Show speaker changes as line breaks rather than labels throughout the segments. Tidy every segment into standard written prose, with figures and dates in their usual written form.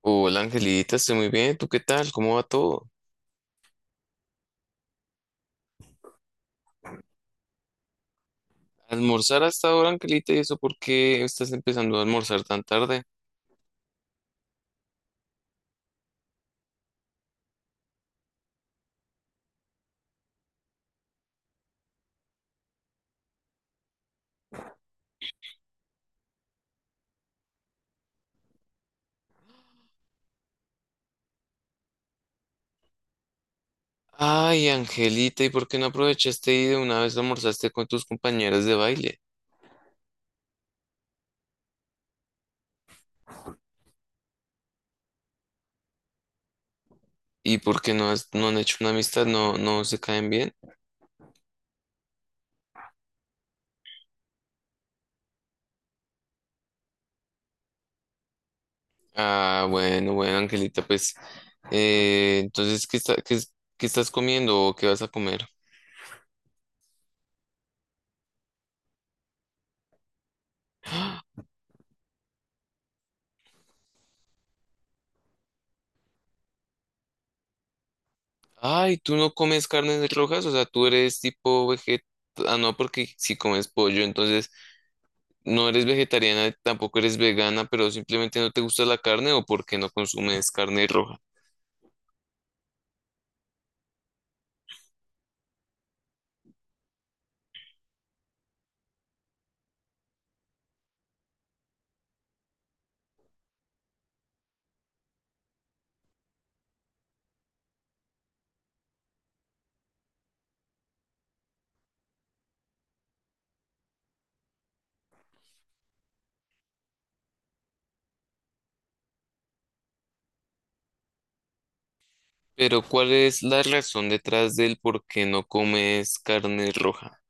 Hola Angelita, estoy muy bien. ¿Tú qué tal? ¿Cómo va todo? ¿Almorzar hasta ahora, Angelita? ¿Y eso por qué estás empezando a almorzar tan tarde? Ay, Angelita, ¿y por qué no aprovechaste y de una vez almorzaste con tus compañeras de baile? ¿Y por qué no, no han hecho una amistad? ¿No, no se caen bien? Ah, bueno, bueno, Angelita, pues entonces, qué estás comiendo o qué vas a comer? Ay, ¿tú no comes carnes rojas? O sea, tú eres tipo veget... Ah, no, porque si comes pollo, entonces... No eres vegetariana, tampoco eres vegana, pero simplemente no te gusta la carne o porque no consumes carne roja. Pero ¿cuál es la razón detrás del por qué no comes carne roja?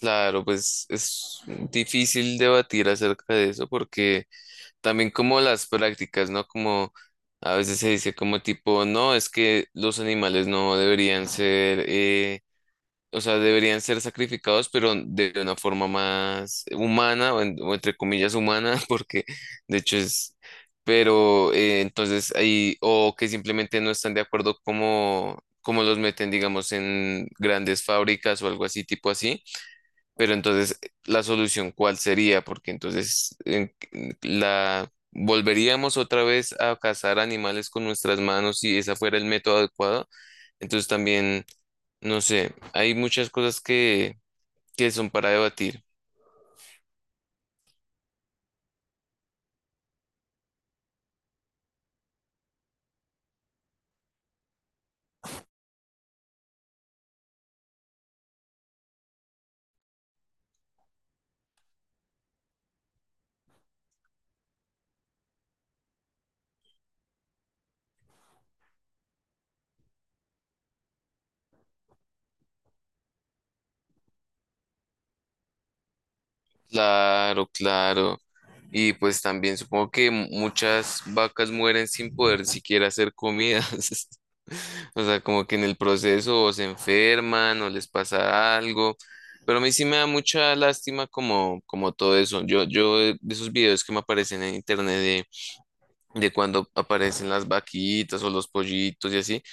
Claro, pues es difícil debatir acerca de eso porque también como las prácticas, ¿no? Como a veces se dice como tipo, no, es que los animales no deberían ser o sea, deberían ser sacrificados, pero de una forma más humana, o, o entre comillas humana, porque de hecho es, pero entonces ahí, o que simplemente no están de acuerdo como, como los meten, digamos, en grandes fábricas o algo así, tipo así, pero entonces la solución, ¿cuál sería? Porque entonces la... ¿Volveríamos otra vez a cazar animales con nuestras manos si ese fuera el método adecuado? Entonces también... No sé, hay muchas cosas que son para debatir. Claro, claro. Y pues también supongo que muchas vacas mueren sin poder siquiera hacer comidas. O sea, como que en el proceso o se enferman o les pasa algo. Pero a mí sí me da mucha lástima como, como todo eso. Yo de esos videos que me aparecen en internet de cuando aparecen las vaquitas o los pollitos y así.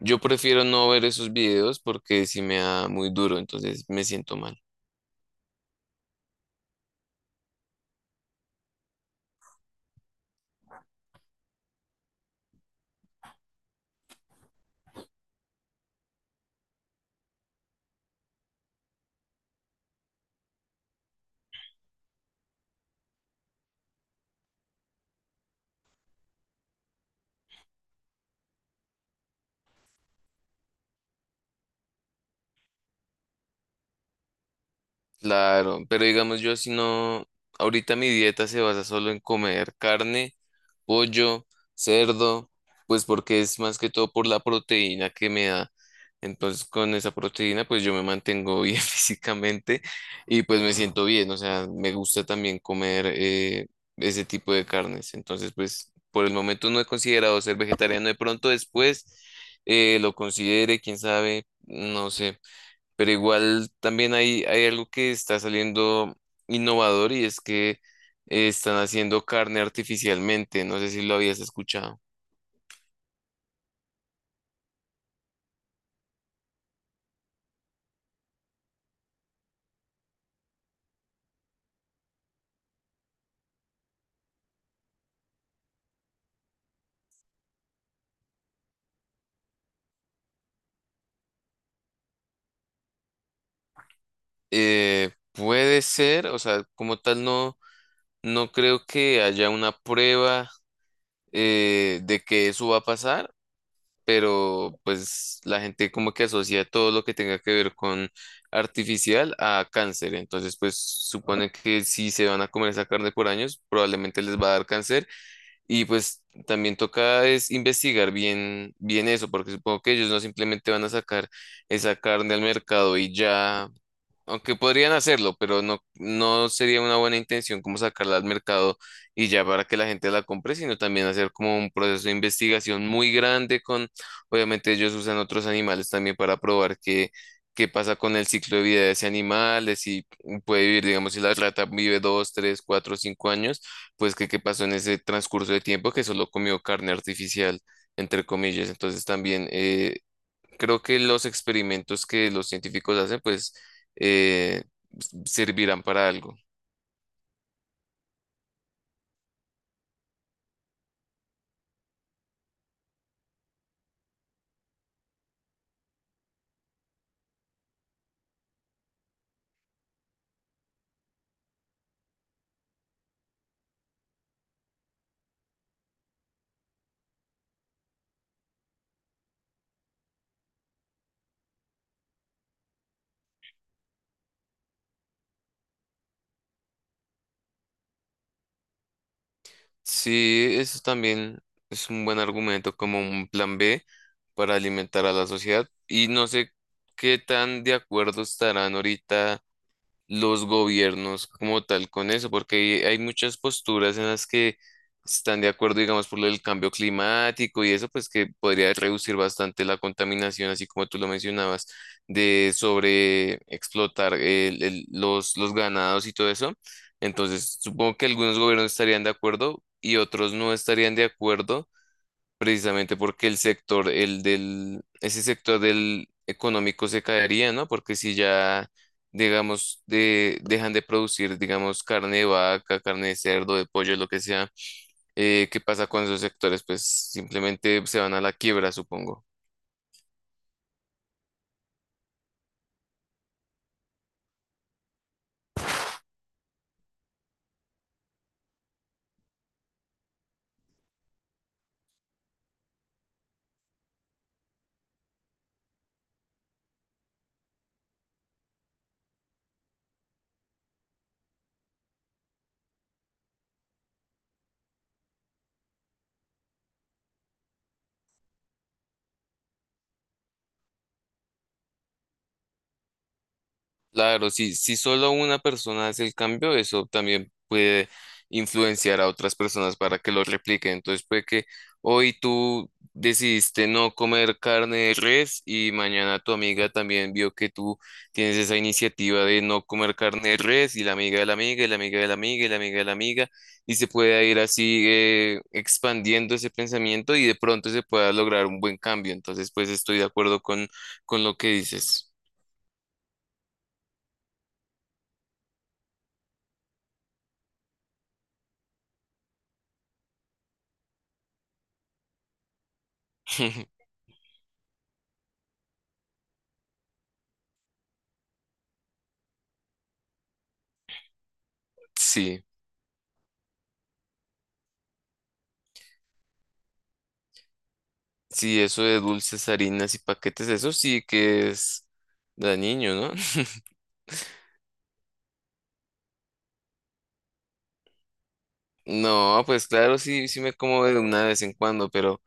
Yo prefiero no ver esos videos porque sí me da muy duro, entonces me siento mal. Claro, pero digamos yo si no, ahorita mi dieta se basa solo en comer carne pollo, cerdo, pues porque es más que todo por la proteína que me da. Entonces con esa proteína pues yo me mantengo bien físicamente y pues me siento bien, o sea, me gusta también comer ese tipo de carnes. Entonces pues por el momento no he considerado ser vegetariano, de pronto después lo considere, quién sabe, no sé. Pero igual también hay algo que está saliendo innovador y es que están haciendo carne artificialmente. No sé si lo habías escuchado. Puede ser, o sea, como tal no, no creo que haya una prueba de que eso va a pasar, pero pues la gente como que asocia todo lo que tenga que ver con artificial a cáncer. Entonces, pues supone que si se van a comer esa carne por años, probablemente les va a dar cáncer. Y pues también toca es investigar bien, bien eso, porque supongo que ellos no simplemente van a sacar esa carne al mercado y ya, aunque podrían hacerlo, pero no, no sería una buena intención como sacarla al mercado y ya para que la gente la compre, sino también hacer como un proceso de investigación muy grande con, obviamente ellos usan otros animales también para probar qué, qué pasa con el ciclo de vida de ese animal, de si puede vivir, digamos, si la rata vive dos, tres, cuatro, cinco años, pues qué qué pasó en ese transcurso de tiempo que solo comió carne artificial, entre comillas. Entonces también creo que los experimentos que los científicos hacen, pues, eh, servirán para algo. Sí, eso también es un buen argumento como un plan B para alimentar a la sociedad. Y no sé qué tan de acuerdo estarán ahorita los gobiernos como tal con eso, porque hay muchas posturas en las que están de acuerdo, digamos, por lo del cambio climático y eso, pues que podría reducir bastante la contaminación, así como tú lo mencionabas, de sobre explotar los ganados y todo eso. Entonces, supongo que algunos gobiernos estarían de acuerdo y otros no estarían de acuerdo precisamente porque el sector, el del, ese sector del económico se caería, ¿no? Porque si ya, digamos, de, dejan de producir, digamos, carne de vaca, carne de cerdo, de pollo, lo que sea, ¿qué pasa con esos sectores? Pues simplemente se van a la quiebra, supongo. Claro, si, si solo una persona hace el cambio, eso también puede influenciar a otras personas para que lo repliquen. Entonces puede que hoy tú decidiste no comer carne de res y mañana tu amiga también vio que tú tienes esa iniciativa de no comer carne de res y la amiga de la amiga y la amiga de la amiga y la amiga de la amiga y se puede ir así expandiendo ese pensamiento y de pronto se pueda lograr un buen cambio. Entonces pues estoy de acuerdo con lo que dices. Sí. Sí, eso de dulces, harinas y paquetes, eso sí que es de niño, ¿no? No, pues claro, sí, sí me como de una vez en cuando,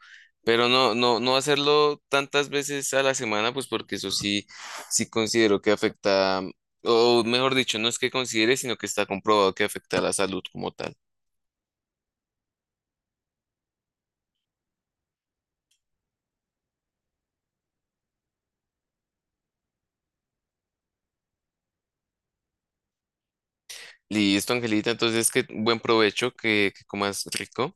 pero no, no, no hacerlo tantas veces a la semana, pues porque eso sí, sí considero que afecta, o mejor dicho, no es que considere, sino que está comprobado que afecta a la salud como tal. Listo, Angelita, entonces que buen provecho, que comas rico.